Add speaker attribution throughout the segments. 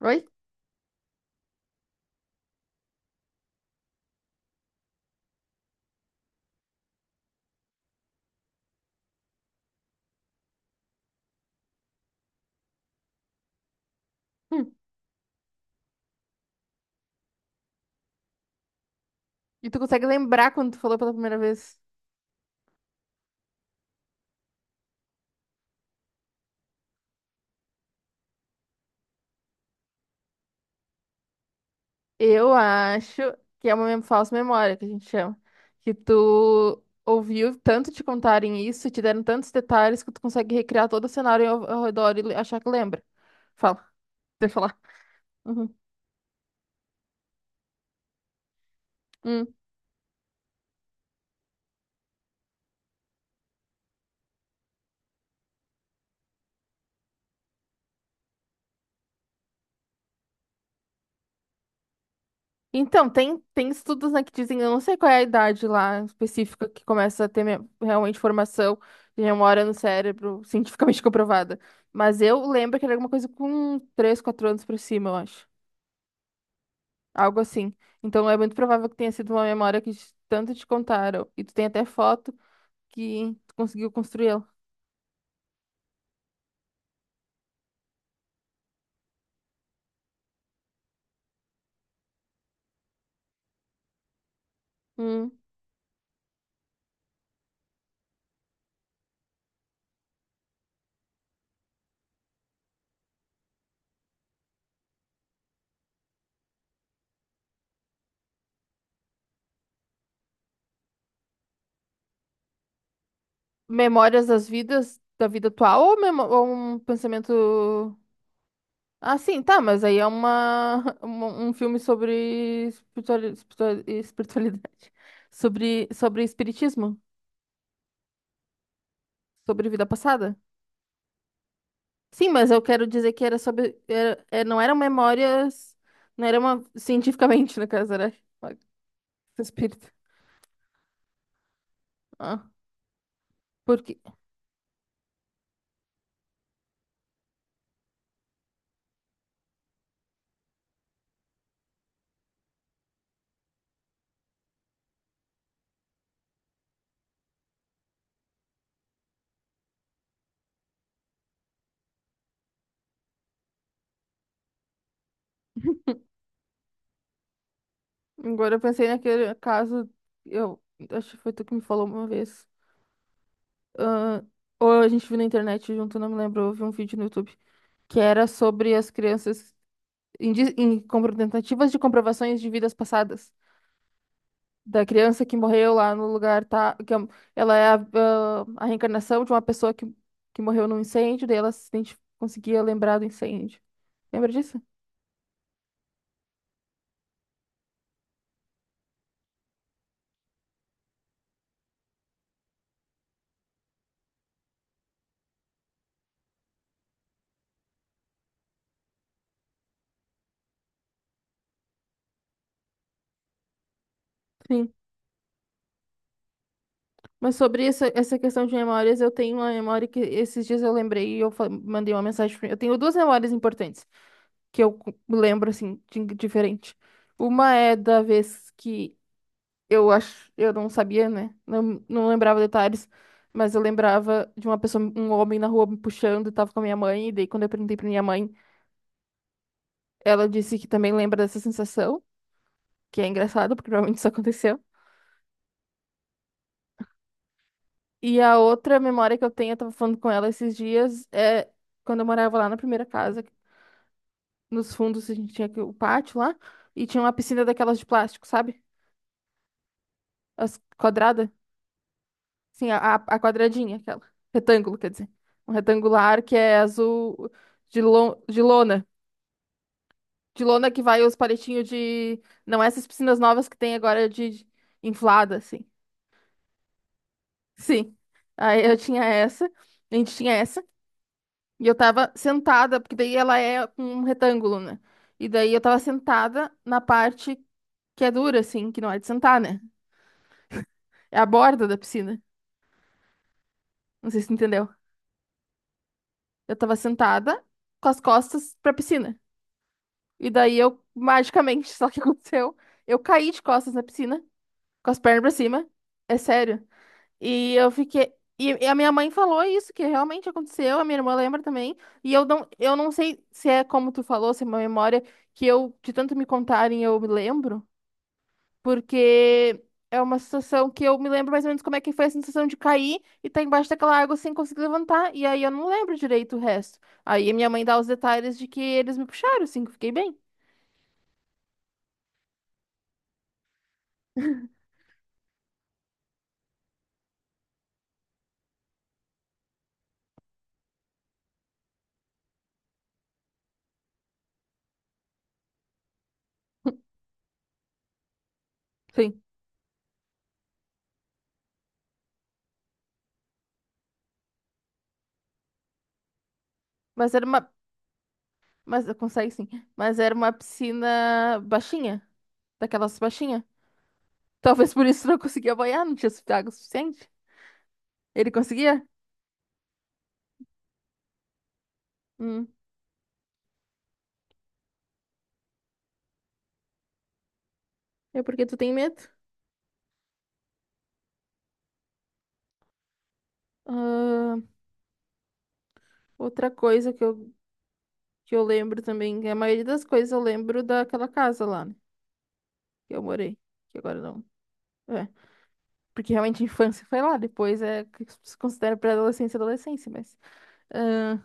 Speaker 1: Oi? Hum. E tu consegue lembrar quando tu falou pela primeira vez? Eu acho que é uma falsa memória que a gente chama. Que tu ouviu tanto te contarem isso, te deram tantos detalhes que tu consegue recriar todo o cenário ao redor e achar que lembra. Fala, deixa eu falar. Uhum. Hum. Então, tem estudos, né, que dizem, eu não sei qual é a idade lá específica que começa a ter realmente formação de memória no cérebro, cientificamente comprovada. Mas eu lembro que era alguma coisa com 3, 4 anos por cima, eu acho. Algo assim. Então é muito provável que tenha sido uma memória que tanto te contaram. E tu tem até foto que tu conseguiu construir ela. Hum. Memórias das vidas, da vida atual ou um pensamento. Ah, sim, tá, mas aí é uma, um filme sobre espiritualidade. Sobre espiritismo. Sobre vida passada. Sim, mas eu quero dizer que era sobre. Era, é, não eram memórias. Não era uma. Cientificamente, no caso, era. uma- Espírito. Ah. Porque agora eu pensei naquele caso, eu acho que foi tu que me falou uma vez. ah, ou a gente viu na internet junto, não me lembro, eu vi um vídeo no YouTube que era sobre as crianças em tentativas de comprovações de vidas passadas. Da criança que morreu lá no lugar, tá? Ela é a reencarnação de uma pessoa que morreu num incêndio, daí ela se identi- conseguia lembrar do incêndio. Lembra disso? Sim. Mas sobre essa questão de memórias, eu tenho uma memória que esses dias eu lembrei e mandei uma mensagem pra. Eu tenho duas memórias importantes. Que eu lembro assim de diferente. Uma é da vez que eu acho, eu não sabia, né? Não, não lembrava detalhes, mas eu lembrava de uma pessoa, um homem na rua me puxando, tava com a minha mãe, e daí quando eu perguntei pra minha mãe, ela disse que também lembra dessa sensação, que é engraçado, porque provavelmente isso aconteceu. E a outra memória que eu tenho, eu tava falando com ela esses dias, é quando eu morava lá na primeira casa, nos fundos a gente tinha aqui o pátio lá, e tinha uma piscina daquelas de plástico, sabe? As quadradas. Sim, a quadradinha, aquela. Retângulo, quer dizer. Um retangular que é azul de lona. De lona que vai os palitinhos de. Não, essas piscinas novas que tem agora de inflada, assim. Sim. Aí eu tinha essa, a gente tinha essa, e eu tava sentada, porque daí ela é um retângulo, né? E daí eu tava sentada na parte que é dura, assim, que não é de sentar, né? É a borda da piscina. Não sei se tu entendeu. Eu tava sentada com as costas pra piscina. E daí eu, magicamente, só que aconteceu, eu caí de costas na piscina, com as pernas pra cima. É sério. E eu fiquei. E a minha mãe falou isso, que realmente aconteceu, a minha irmã lembra também. E eu não sei se é como tu falou, se é uma memória que eu, de tanto me contarem, eu me lembro, porque é uma situação que eu me lembro mais ou menos como é que foi a sensação de cair e tá embaixo daquela água sem conseguir levantar. E aí eu não lembro direito o resto. Aí a minha mãe dá os detalhes de que eles me puxaram, assim, que eu fiquei bem. Sim. Mas era uma. Mas consegue sim. Mas era uma piscina baixinha. Daquelas baixinha. Talvez por isso não conseguia banhar, não tinha água suficiente. Ele conseguia? Hum. É porque tu tem medo. Ah, outra coisa que eu lembro também, que a maioria das coisas eu lembro daquela casa lá, né? Que eu morei. Que agora não. É. Porque realmente a infância foi lá, depois é que se considera pré-adolescência e adolescência, mas. ah,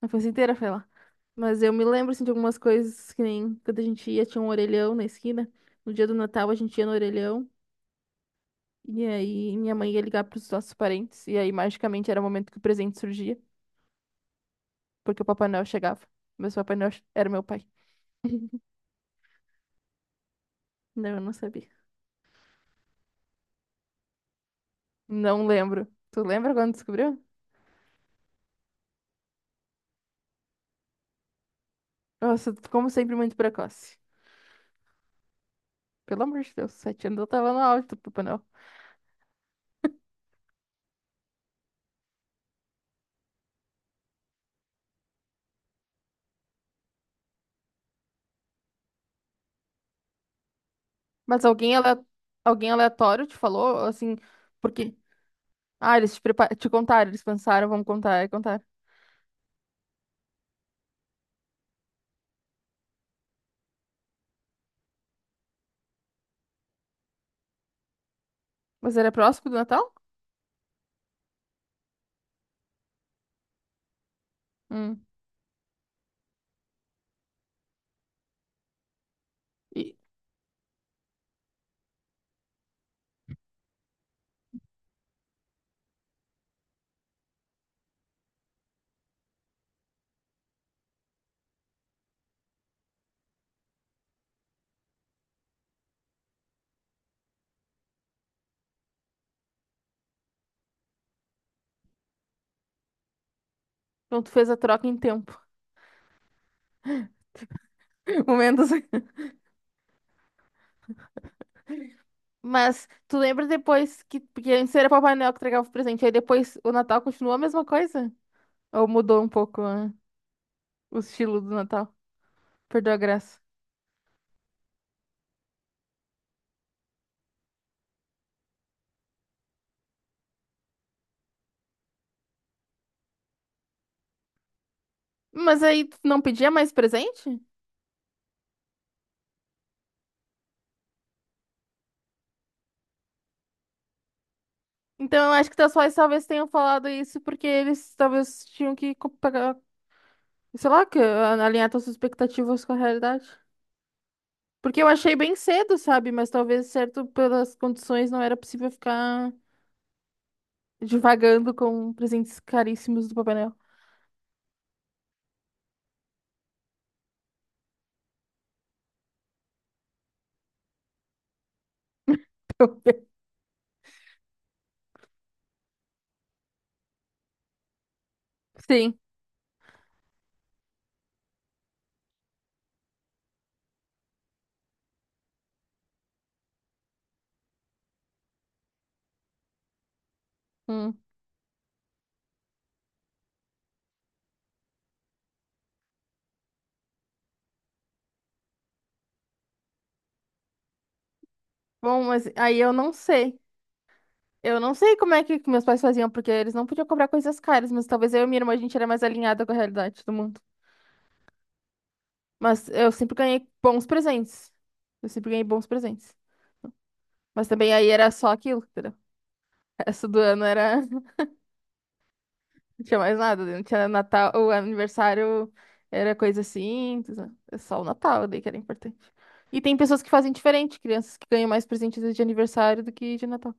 Speaker 1: A infância inteira foi lá. Mas eu me lembro, assim, de algumas coisas que nem quando a gente ia, tinha um orelhão na esquina. No dia do Natal, a gente ia no orelhão. E aí, minha mãe ia ligar pros nossos parentes. E aí, magicamente, era o momento que o presente surgia. Porque o Papai Noel chegava. Mas o Papai Noel era meu pai. Não, eu não sabia. Não lembro. Tu lembra quando descobriu? Nossa, como sempre, muito precoce. Pelo amor de Deus, 7 anos eu tava no auge do Papai Noel. Mas alguém aleatório te falou, assim, porque eles te contaram, eles pensaram, vamos contar, e contar. Mas era próximo do Natal? Hum. E... Então tu fez a troca em tempo. Momentos. Mas tu lembra depois que. Porque antes era Papai Noel que entregava o presente. Aí depois o Natal continuou a mesma coisa? Ou mudou um pouco, né, o estilo do Natal? Perdeu a graça. Mas aí tu não pedia mais presente? Então eu acho que teus pais talvez tenham falado isso porque eles talvez tinham que pagar, sei lá, que alinhar suas expectativas com a realidade. Porque eu achei bem cedo, sabe? Mas talvez, certo, pelas condições, não era possível ficar divagando com presentes caríssimos do Papai Noel. Sim. Hum. Bom, mas aí eu não sei. Eu não sei como é que meus pais faziam, porque eles não podiam comprar coisas caras, mas talvez eu e minha irmã a gente era mais alinhada com a realidade do mundo. Mas eu sempre ganhei bons presentes. Eu sempre ganhei bons presentes. Mas também aí era só aquilo, entendeu? O resto do ano era. Não tinha mais nada, não tinha Natal, o aniversário era coisa assim, é só o Natal daí que era importante. E tem pessoas que fazem diferente, crianças que ganham mais presentes de aniversário do que de Natal.